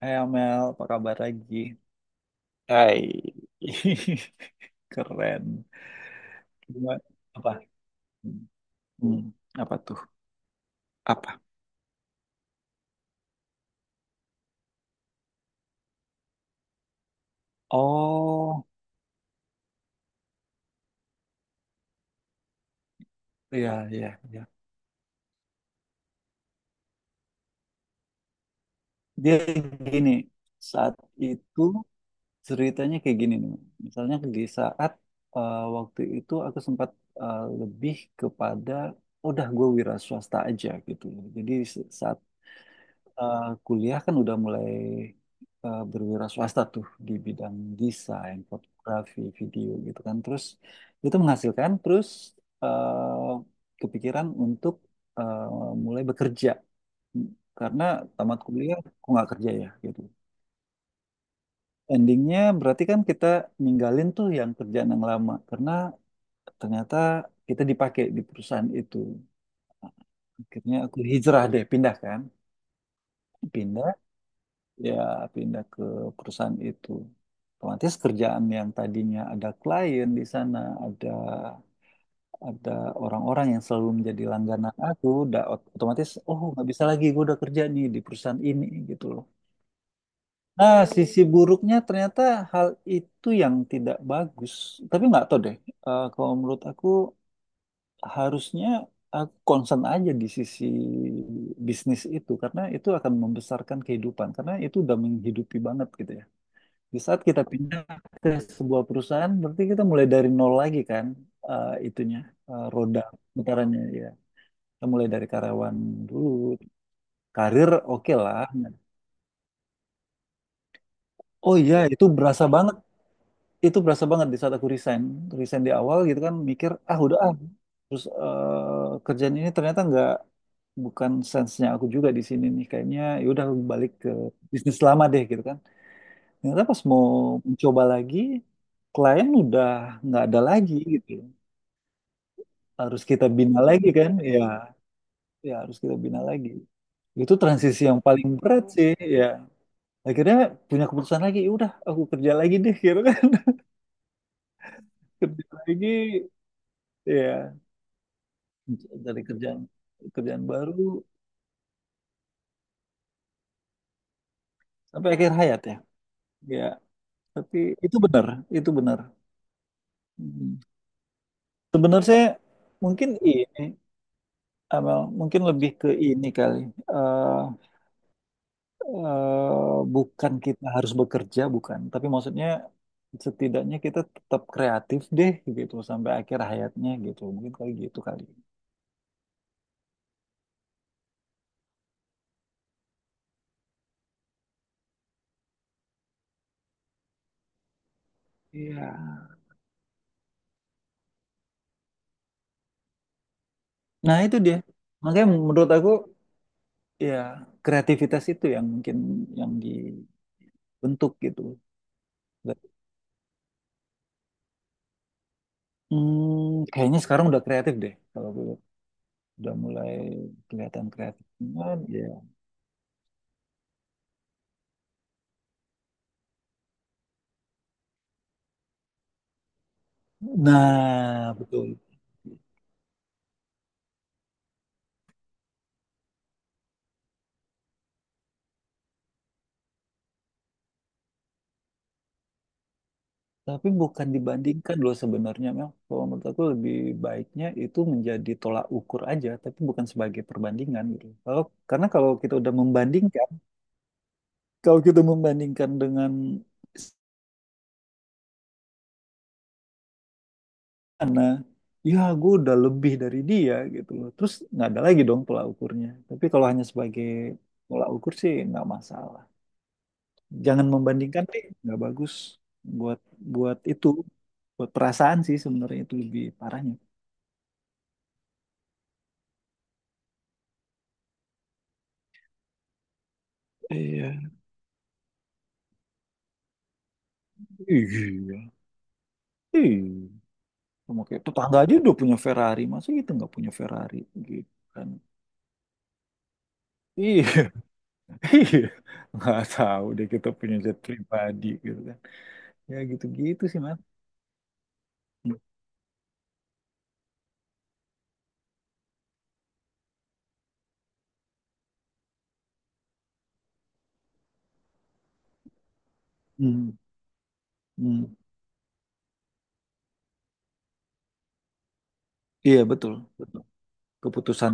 Hai Amel, apa kabar lagi? Hai, keren. Gimana? Apa? Hmm, apa tuh? Apa? Oh, iya, iya, iya. Dia gini, saat itu ceritanya kayak gini nih. Misalnya di saat waktu itu aku sempat, lebih kepada, udah gue wira swasta aja gitu. Jadi saat kuliah kan udah mulai berwira swasta tuh di bidang desain, fotografi, video gitu kan. Terus itu menghasilkan, terus eh, kepikiran untuk eh, mulai bekerja karena tamat kuliah kok nggak kerja ya gitu. Endingnya berarti kan kita ninggalin tuh yang kerjaan yang lama karena ternyata kita dipakai di perusahaan itu. Akhirnya aku hijrah deh, pindah kan. Pindah ya pindah ke perusahaan itu. Otomatis kerjaan yang tadinya ada klien di sana, ada ada orang-orang yang selalu menjadi langganan aku, udah otomatis oh nggak bisa lagi gue udah kerja nih di perusahaan ini gitu loh. Nah, sisi buruknya ternyata hal itu yang tidak bagus. Tapi nggak tahu deh, kalau menurut aku harusnya aku concern aja di sisi bisnis itu karena itu akan membesarkan kehidupan karena itu udah menghidupi banget gitu ya. Di saat kita pindah ke sebuah perusahaan, berarti kita mulai dari nol lagi kan, itunya, roda putarannya ya. Kita mulai dari karyawan dulu. Karir oke lah. Oh iya, itu berasa banget. Itu berasa banget di saat aku resign. Resign di awal gitu kan, mikir, ah udah ah. Terus kerjaan ini ternyata nggak, bukan sense-nya aku juga di sini nih kayaknya, ya udah aku balik ke bisnis lama deh gitu kan, ternyata pas mau mencoba lagi klien udah nggak ada lagi gitu, harus kita bina lagi kan ya, ya harus kita bina lagi. Itu transisi yang paling berat sih, ya akhirnya punya keputusan lagi, "Ya udah aku kerja lagi deh gitu kan." Kerja lagi, ya dari kerjaan, kerjaan baru sampai akhir hayat ya, ya tapi itu benar, itu benar. Hmm. Sebenarnya mungkin ini, Amel, mungkin lebih ke ini kali. Eh, bukan kita harus bekerja, bukan. Tapi maksudnya setidaknya kita tetap kreatif deh gitu sampai akhir hayatnya gitu. Mungkin kali gitu kali. Iya. Nah, itu dia. Makanya menurut aku ya kreativitas itu yang mungkin yang dibentuk gitu. Dan, kayaknya sekarang udah kreatif deh kalau gue lihat. Udah mulai kelihatan kreatif. Cuman, ya. Nah, betul. Tapi bukan dibandingkan loh sebenarnya, Mel. Kalau menurut aku lebih baiknya itu menjadi tolak ukur aja, tapi bukan sebagai perbandingan gitu. Kalau, karena kalau kita udah membandingkan, kalau kita membandingkan dengan sana, ya gue udah lebih dari dia gitu loh. Terus nggak ada lagi dong tolak ukurnya. Tapi kalau hanya sebagai tolak ukur sih nggak masalah. Jangan membandingkan deh, nggak bagus buat buat itu, buat perasaan sih sebenarnya itu lebih parahnya. Iya. Iya, iya. Cuma kayak tetangga aja udah punya Ferrari, masa kita nggak punya Ferrari gitu kan? Iya, iya. Nggak tahu deh kita punya jet pribadi gitu kan. Ya gitu-gitu sih, mas. Hmm. Hmm. Hmm. Iya betul, betul. Keputusan.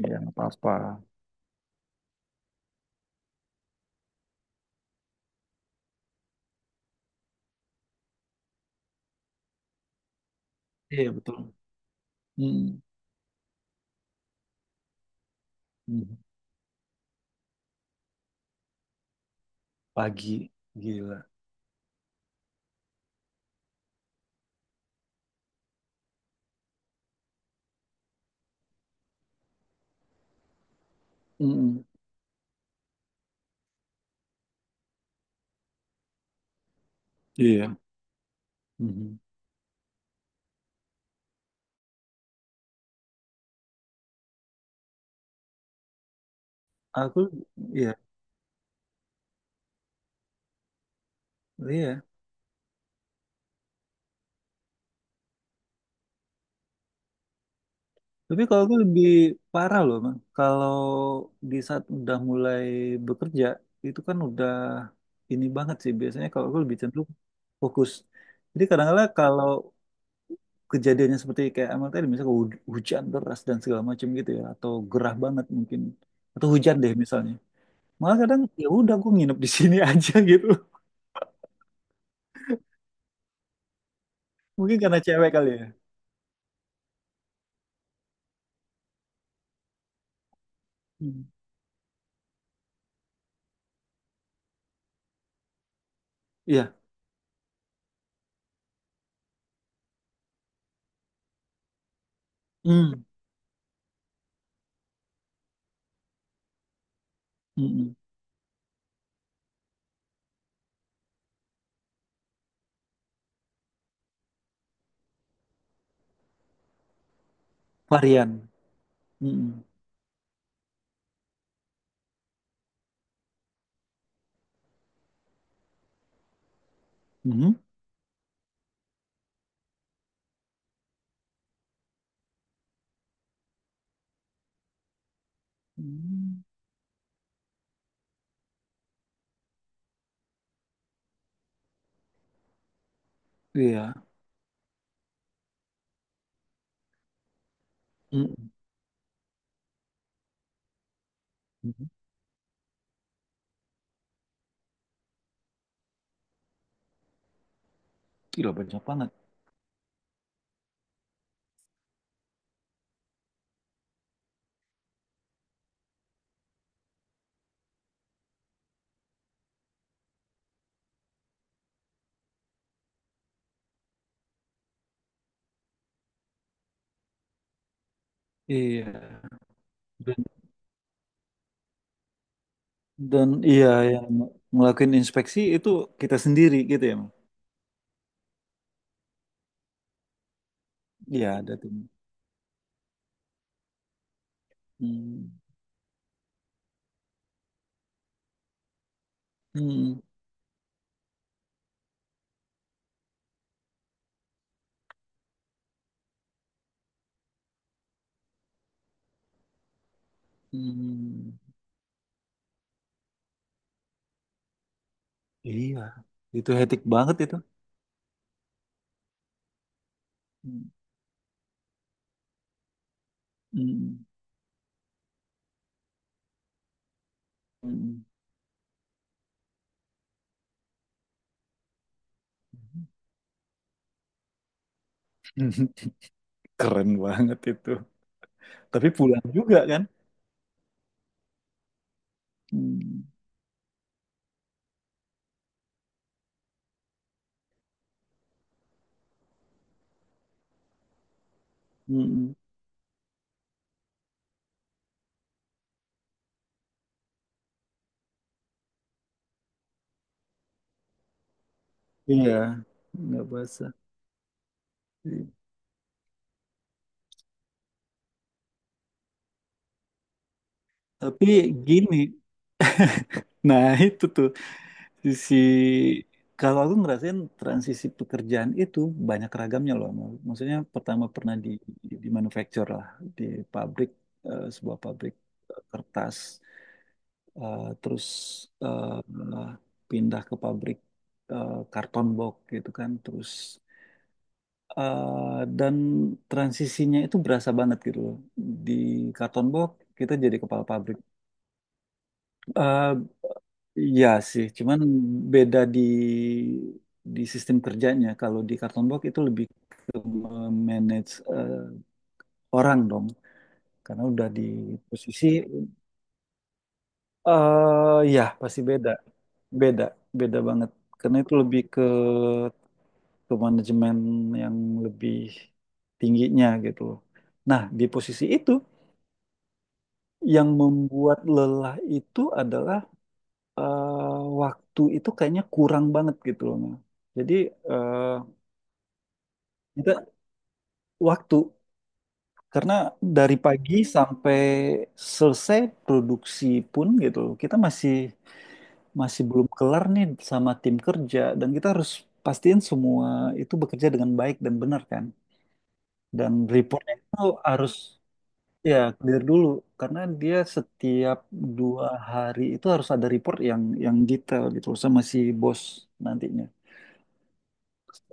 Iya, nggak apa-apa. Iya, betul. Mm. Mm. Pagi, gila. Mm-mm. Iya. Mhm. Aku, iya, iya. Tapi kalau gue lebih parah loh, Bang. Kalau di saat udah mulai bekerja, itu kan udah ini banget sih. Biasanya kalau gue lebih cenderung fokus. Jadi kadang-kadang kalau kejadiannya seperti kayak amal tadi, misalnya hujan deras dan segala macam gitu ya, atau gerah banget mungkin, atau hujan deh misalnya. Malah kadang ya udah gue nginep di sini aja gitu. Mungkin karena cewek kali ya. Hmm. Iya. Hmm. Mm-mm. Varian. Mm-mm. Mhm. Hmm. Iya. Mm-mm. Gila banyak banget. Iya. Dan, dan iya yang ngelakuin inspeksi itu kita sendiri gitu ya. Mang? Iya ada tim. Hmm. Hmm. Hmm. Iya. Itu hectic banget itu. Hmm. Hmm. Hmm. Keren banget itu. Tapi pulang juga kan? Hmm. Hmm. Iya. Nggak basah. Tapi gini. Nah itu tuh. Sisi kalau aku ngerasain transisi pekerjaan itu banyak ragamnya loh. Mal. Maksudnya pertama pernah di manufacture lah, di pabrik, sebuah pabrik kertas. Terus eh, pindah ke pabrik, karton box gitu kan, terus dan transisinya itu berasa banget gitu loh. Di karton box kita jadi kepala pabrik. Eh, Iya sih, cuman beda di sistem kerjanya. Kalau di Kartonbox itu lebih ke manage orang dong, karena udah di posisi ya pasti beda, beda, beda banget. Karena itu lebih ke manajemen yang lebih tingginya gitu loh. Nah, di posisi itu yang membuat lelah itu adalah waktu itu kayaknya kurang banget gitu loh. Nah. Jadi eh, kita waktu karena dari pagi sampai selesai produksi pun gitu kita masih masih belum kelar nih sama tim kerja dan kita harus pastiin semua itu bekerja dengan baik dan benar kan, dan reportnya itu harus ya clear dulu karena dia setiap dua hari itu harus ada report yang detail gitu sama si bos nantinya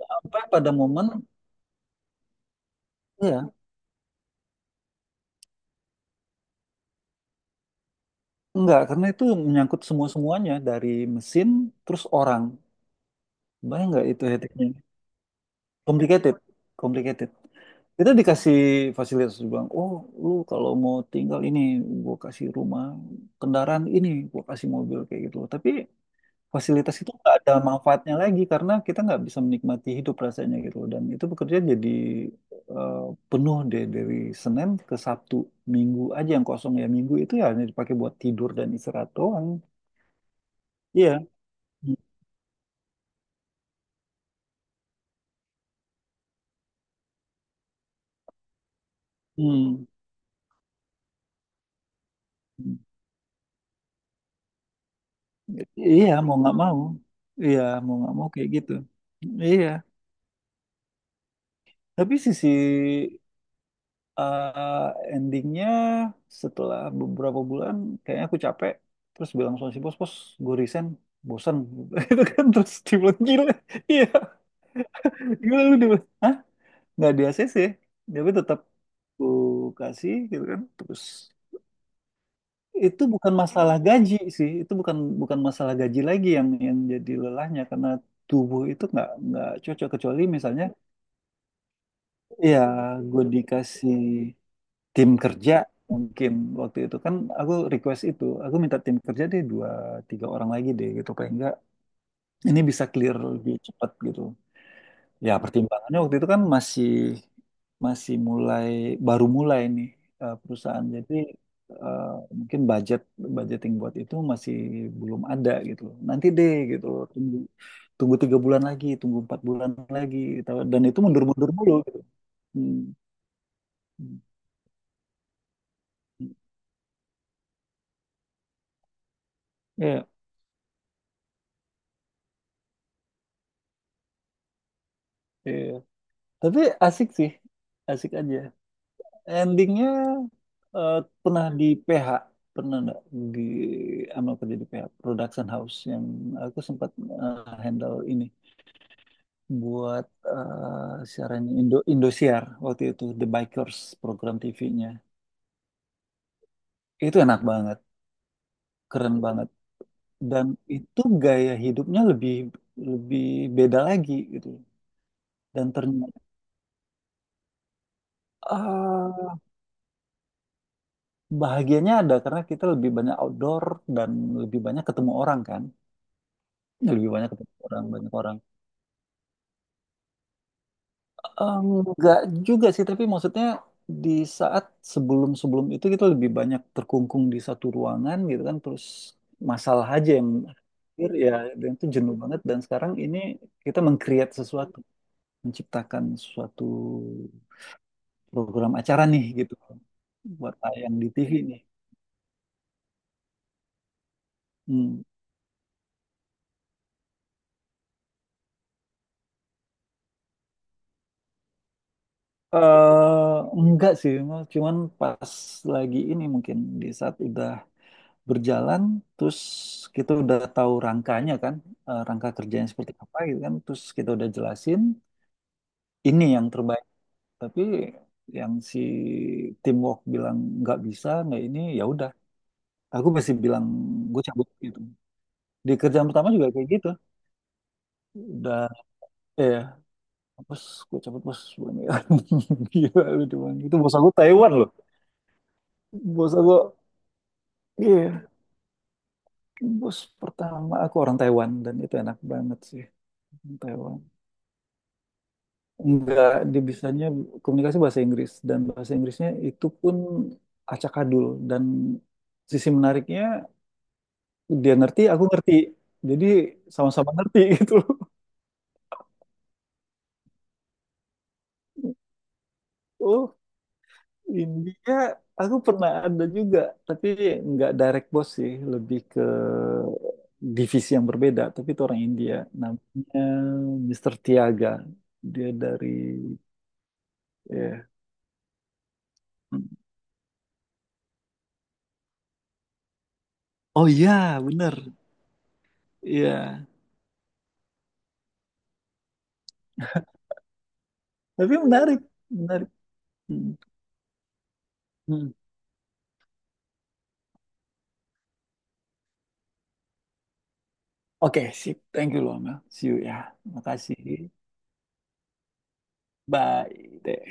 sampai pada momen ya enggak karena itu menyangkut semua semuanya dari mesin terus orang. Bayang nggak itu hektiknya? Complicated, complicated. Kita dikasih fasilitas bang. Oh, lu kalau mau tinggal ini, gua kasih rumah, kendaraan ini, gua kasih mobil kayak gitu. Tapi fasilitas itu nggak ada manfaatnya lagi karena kita nggak bisa menikmati hidup rasanya gitu. Dan itu bekerja jadi eh, penuh deh dari Senin ke Sabtu, Minggu aja yang kosong ya. Minggu itu ya hanya dipakai buat tidur dan istirahat doang. Iya. Hmm. Hmm. Iya, mau nggak mau. Iya, mau nggak mau kayak gitu. Iya, tapi sisi endingnya setelah beberapa bulan kayaknya aku capek. Terus bilang sama si bos, bos, gue resign, bosan. Itu kan terus dia bilang, gila, iya, gila lu dia bilang, hah? Nggak di ACC, tapi tetap aku kasih gitu kan. Terus itu bukan masalah gaji sih, itu bukan bukan masalah gaji lagi yang jadi lelahnya karena tubuh itu nggak cocok kecuali misalnya ya gue dikasih tim kerja mungkin waktu itu kan aku request itu aku minta tim kerja deh dua tiga orang lagi deh gitu paling enggak ini bisa clear lebih cepat gitu. Ya, pertimbangannya waktu itu kan masih masih mulai baru mulai nih, perusahaan. Jadi eh, mungkin budget budgeting buat itu masih belum ada gitu loh. Nanti deh gitu loh. Tunggu tunggu tiga bulan lagi, tunggu empat bulan lagi, gitu. Dan itu mundur-mundur mulu gitu. Hmm. Iya, iya. Tapi asik sih, asik aja. Endingnya eh, pernah di PH, pernah nggak di ama kerja di PH production house yang aku sempat eh, handle ini buat siarannya Indosiar waktu itu, The Bikers program TV-nya. Itu enak banget, keren banget, dan itu gaya hidupnya lebih lebih beda lagi gitu, dan ternyata ah, bahagianya ada karena kita lebih banyak outdoor dan lebih banyak ketemu orang kan, lebih banyak ketemu orang, banyak orang. Enggak juga sih, tapi maksudnya di saat sebelum-sebelum itu kita lebih banyak terkungkung di satu ruangan gitu kan, terus masalah aja yang hadir, ya, dan itu jenuh banget, dan sekarang ini kita meng-create sesuatu, menciptakan suatu program acara nih gitu buat tayang di TV nih. Hmm. Enggak sih, Mas. Cuman pas lagi ini mungkin di saat udah berjalan terus kita udah tahu rangkanya kan, rangka kerjanya seperti apa gitu kan, terus kita udah jelasin ini yang terbaik, tapi yang si teamwork bilang nggak bisa nggak ini ya udah, aku masih bilang gue cabut gitu. Di kerjaan pertama juga kayak gitu, udah, eh bos, gue cabut bos. Gila lu doang, itu bos aku Taiwan loh. Bos aku, iya, bos pertama aku orang Taiwan dan itu enak banget sih. Orang Taiwan. Enggak, dia bisanya komunikasi bahasa Inggris dan bahasa Inggrisnya itu pun acakadul, dan sisi menariknya dia ngerti, aku ngerti. Jadi sama-sama ngerti gitu loh. Oh, India aku pernah ada juga, tapi nggak direct boss sih, lebih ke divisi yang berbeda, tapi itu orang India. Namanya Mr. Tiaga. Dia dari ya. Oh iya, bener. Iya. Tapi menarik, menarik. Hmm. Hmm. Oke, sip. Thank you loh, see you ya. Makasih. Bye. Teh.